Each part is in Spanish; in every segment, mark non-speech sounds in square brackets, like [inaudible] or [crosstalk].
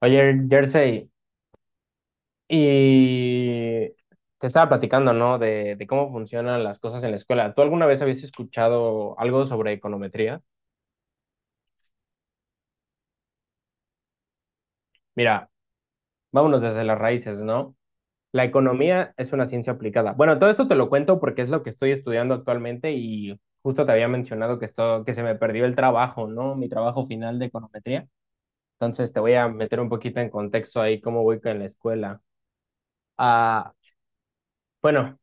Oye, Jersey, y te estaba platicando, ¿no? De cómo funcionan las cosas en la escuela. ¿Tú alguna vez habías escuchado algo sobre econometría? Mira, vámonos desde las raíces, ¿no? La economía es una ciencia aplicada. Bueno, todo esto te lo cuento porque es lo que estoy estudiando actualmente y justo te había mencionado que, que se me perdió el trabajo, ¿no? Mi trabajo final de econometría. Entonces te voy a meter un poquito en contexto ahí cómo voy con la escuela. Ah, bueno,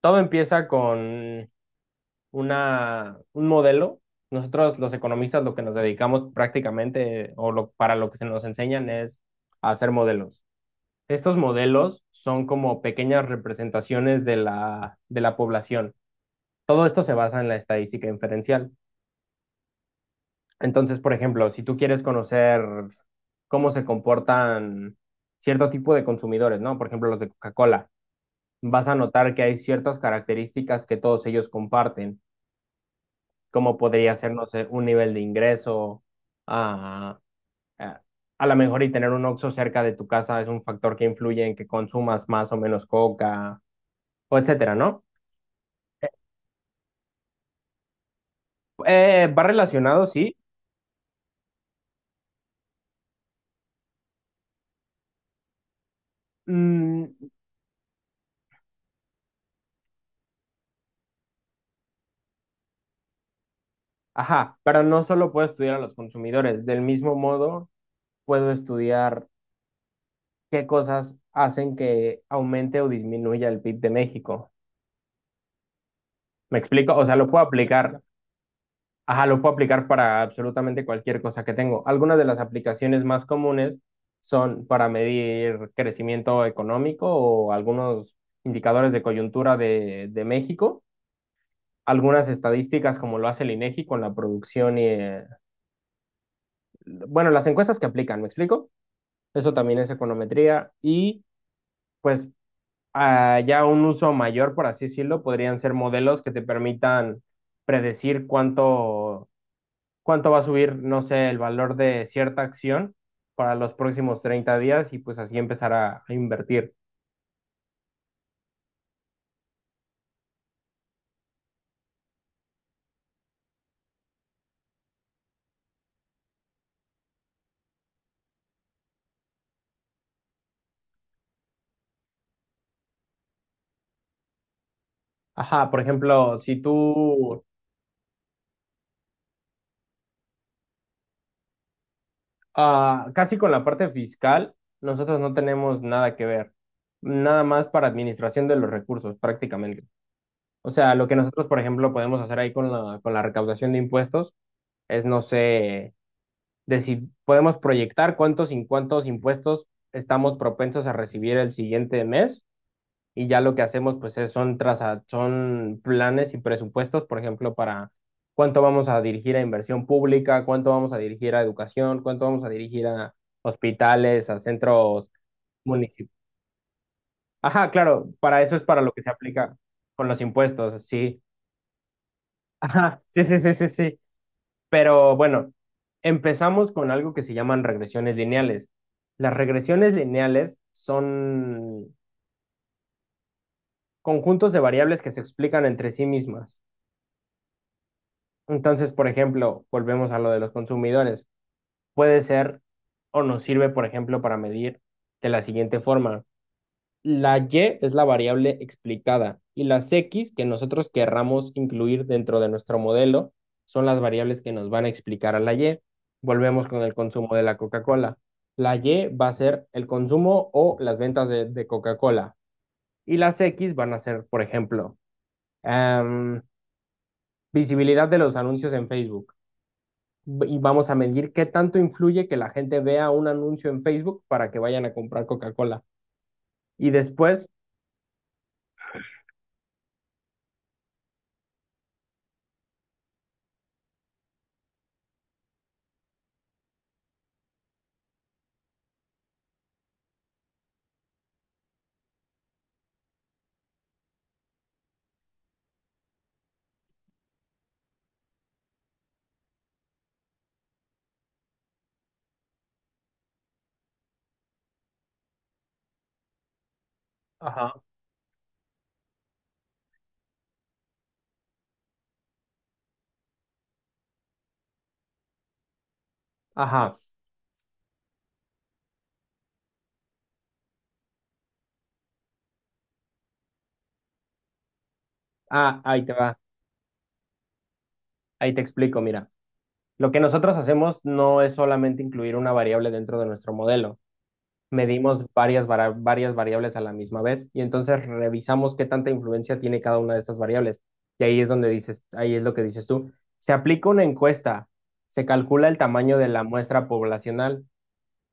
todo empieza con un modelo. Nosotros los economistas lo que nos dedicamos prácticamente o para lo que se nos enseñan es a hacer modelos. Estos modelos son como pequeñas representaciones de la población. Todo esto se basa en la estadística inferencial. Entonces, por ejemplo, si tú quieres conocer cómo se comportan cierto tipo de consumidores, ¿no? Por ejemplo, los de Coca-Cola, vas a notar que hay ciertas características que todos ellos comparten cómo podría ser, no sé, un nivel de ingreso. ah, ah, a lo mejor y tener un Oxxo cerca de tu casa es un factor que influye en que consumas más o menos coca, o etcétera, ¿no? Va relacionado, sí. Mm, ajá, pero no solo puedo estudiar a los consumidores, del mismo modo puedo estudiar qué cosas hacen que aumente o disminuya el PIB de México. ¿Me explico? O sea, lo puedo aplicar. Ajá, lo puedo aplicar para absolutamente cualquier cosa que tengo. Algunas de las aplicaciones más comunes son para medir crecimiento económico o algunos indicadores de coyuntura de México, algunas estadísticas como lo hace el INEGI con la producción y, bueno, las encuestas que aplican, ¿me explico? Eso también es econometría y pues, ya un uso mayor, por así decirlo, podrían ser modelos que te permitan predecir cuánto va a subir, no sé, el valor de cierta acción para los próximos 30 días y pues así empezar a invertir. Ajá, por ejemplo, si tú, ah, casi con la parte fiscal, nosotros no tenemos nada que ver, nada más para administración de los recursos prácticamente. O sea, lo que nosotros, por ejemplo, podemos hacer ahí con la recaudación de impuestos es, no sé, de si podemos proyectar cuántos y cuántos impuestos estamos propensos a recibir el siguiente mes y ya lo que hacemos pues son planes y presupuestos, por ejemplo, para cuánto vamos a dirigir a inversión pública, cuánto vamos a dirigir a educación, cuánto vamos a dirigir a hospitales, a centros municipales. Ajá, claro, para eso es para lo que se aplica con los impuestos, sí. [laughs] Ajá, sí, sí, sí, sí, sí. Pero bueno, empezamos con algo que se llaman regresiones lineales. Las regresiones lineales son conjuntos de variables que se explican entre sí mismas. Entonces, por ejemplo, volvemos a lo de los consumidores. Puede ser o nos sirve, por ejemplo, para medir de la siguiente forma. La Y es la variable explicada y las X que nosotros querramos incluir dentro de nuestro modelo son las variables que nos van a explicar a la Y. Volvemos con el consumo de la Coca-Cola. La Y va a ser el consumo o las ventas de Coca-Cola y las X van a ser, por ejemplo, em, visibilidad de los anuncios en Facebook y vamos a medir qué tanto influye que la gente vea un anuncio en Facebook para que vayan a comprar Coca-Cola. Y después. Ajá, ajá, ahí te va, ahí te explico, mira. Lo que nosotros hacemos no es solamente incluir una variable dentro de nuestro modelo. Medimos varias variables a la misma vez y entonces revisamos qué tanta influencia tiene cada una de estas variables. Y ahí es donde dices, ahí es lo que dices tú. Se aplica una encuesta, se calcula el tamaño de la muestra poblacional.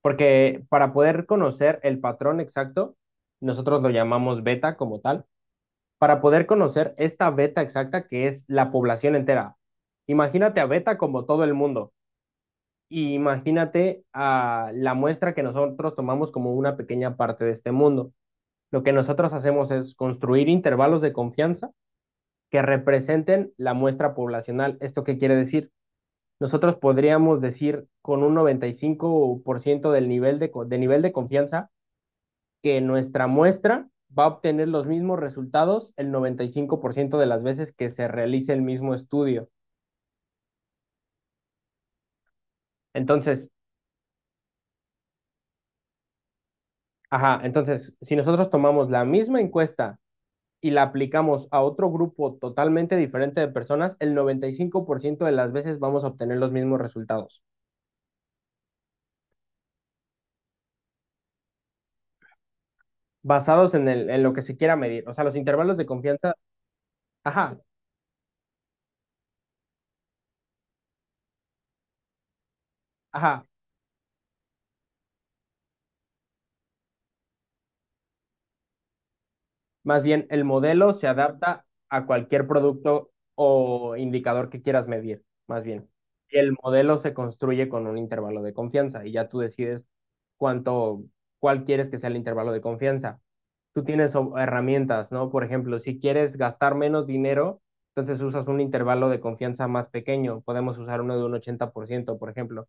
Porque para poder conocer el patrón exacto, nosotros lo llamamos beta como tal, para poder conocer esta beta exacta que es la población entera. Imagínate a beta como todo el mundo y imagínate a la muestra que nosotros tomamos como una pequeña parte de este mundo. Lo que nosotros hacemos es construir intervalos de confianza que representen la muestra poblacional. ¿Esto qué quiere decir? Nosotros podríamos decir con un 95% de nivel de confianza que nuestra muestra va a obtener los mismos resultados el 95% de las veces que se realice el mismo estudio. Entonces, ajá, entonces, si nosotros tomamos la misma encuesta y la aplicamos a otro grupo totalmente diferente de personas, el 95% de las veces vamos a obtener los mismos resultados, basados en lo que se quiera medir. O sea, los intervalos de confianza. Ajá, ajá. Más bien, el modelo se adapta a cualquier producto o indicador que quieras medir, más bien. Y el modelo se construye con un intervalo de confianza y ya tú decides cuánto, cuál quieres que sea el intervalo de confianza. Tú tienes herramientas, ¿no? Por ejemplo, si quieres gastar menos dinero, entonces usas un intervalo de confianza más pequeño. Podemos usar uno de un 80%, por ejemplo.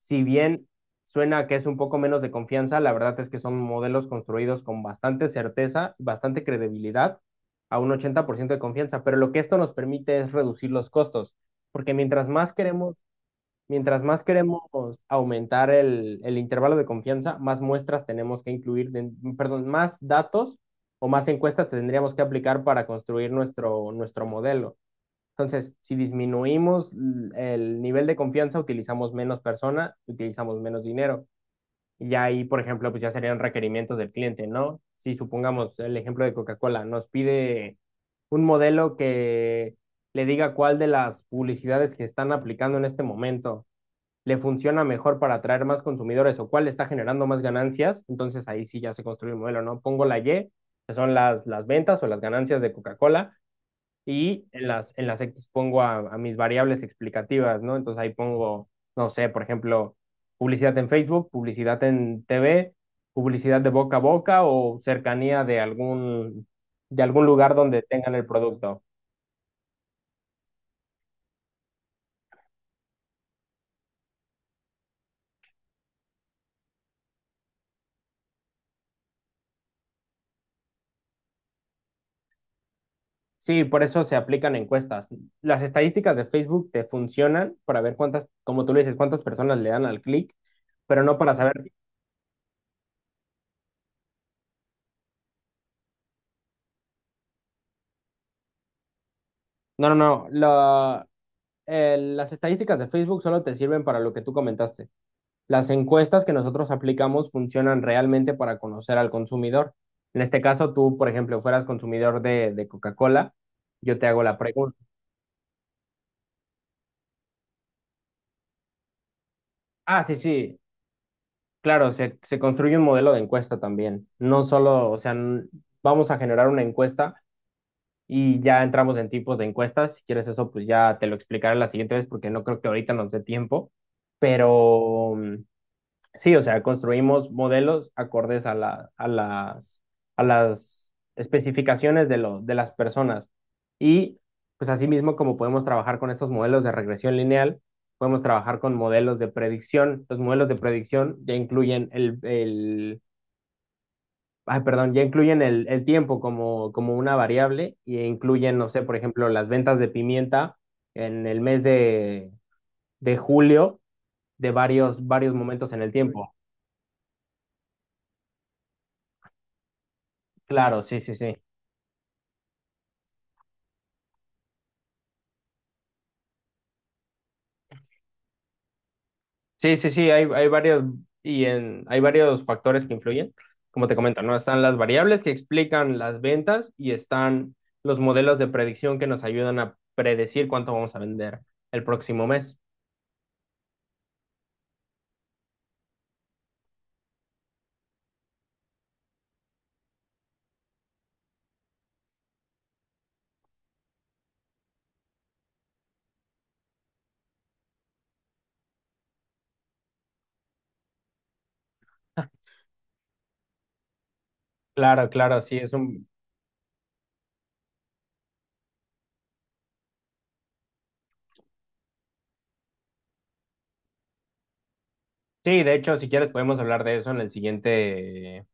Si bien suena que es un poco menos de confianza, la verdad es que son modelos construidos con bastante certeza, bastante credibilidad, a un 80% de confianza, pero lo que esto nos permite es reducir los costos, porque mientras más queremos aumentar el intervalo de confianza, más muestras tenemos que incluir, perdón, más datos o más encuestas tendríamos que aplicar para construir nuestro modelo. Entonces, si disminuimos el nivel de confianza, utilizamos menos persona, utilizamos menos dinero. Y ahí, por ejemplo, pues ya serían requerimientos del cliente, ¿no? Si supongamos el ejemplo de Coca-Cola, nos pide un modelo que le diga cuál de las publicidades que están aplicando en este momento le funciona mejor para atraer más consumidores o cuál está generando más ganancias, entonces ahí sí ya se construye el modelo, ¿no? Pongo la Y, que son las ventas o las ganancias de Coca-Cola, y en las X pongo a mis variables explicativas, ¿no? Entonces ahí pongo, no sé, por ejemplo, publicidad en Facebook, publicidad en TV, publicidad de boca a boca o cercanía de algún lugar donde tengan el producto. Sí, por eso se aplican encuestas. Las estadísticas de Facebook te funcionan para ver cuántas, como tú le dices, cuántas personas le dan al clic, pero no para saber. No, no, no. Las estadísticas de Facebook solo te sirven para lo que tú comentaste. Las encuestas que nosotros aplicamos funcionan realmente para conocer al consumidor. En este caso, tú, por ejemplo, fueras consumidor de Coca-Cola, yo te hago la pregunta. Ah, sí, sí, claro, se construye un modelo de encuesta también. No solo, o sea, vamos a generar una encuesta y ya entramos en tipos de encuestas. Si quieres eso, pues ya te lo explicaré la siguiente vez porque no creo que ahorita nos dé tiempo. Pero, sí, o sea, construimos modelos acordes a las especificaciones de las personas. Y pues asimismo, como podemos trabajar con estos modelos de regresión lineal, podemos trabajar con modelos de predicción. Los modelos de predicción ya incluyen el ay, perdón, ya incluyen el tiempo como, como una variable y incluyen, no sé, por ejemplo, las ventas de pimienta en el mes de julio de varios momentos en el tiempo. Claro, sí, sí, sí. Sí, sí, sí, hay varios factores que influyen. Como te comento, ¿no? Están las variables que explican las ventas y están los modelos de predicción que nos ayudan a predecir cuánto vamos a vender el próximo mes. Claro, claro, sí, es un. Sí, de hecho, si quieres podemos hablar de eso en el siguiente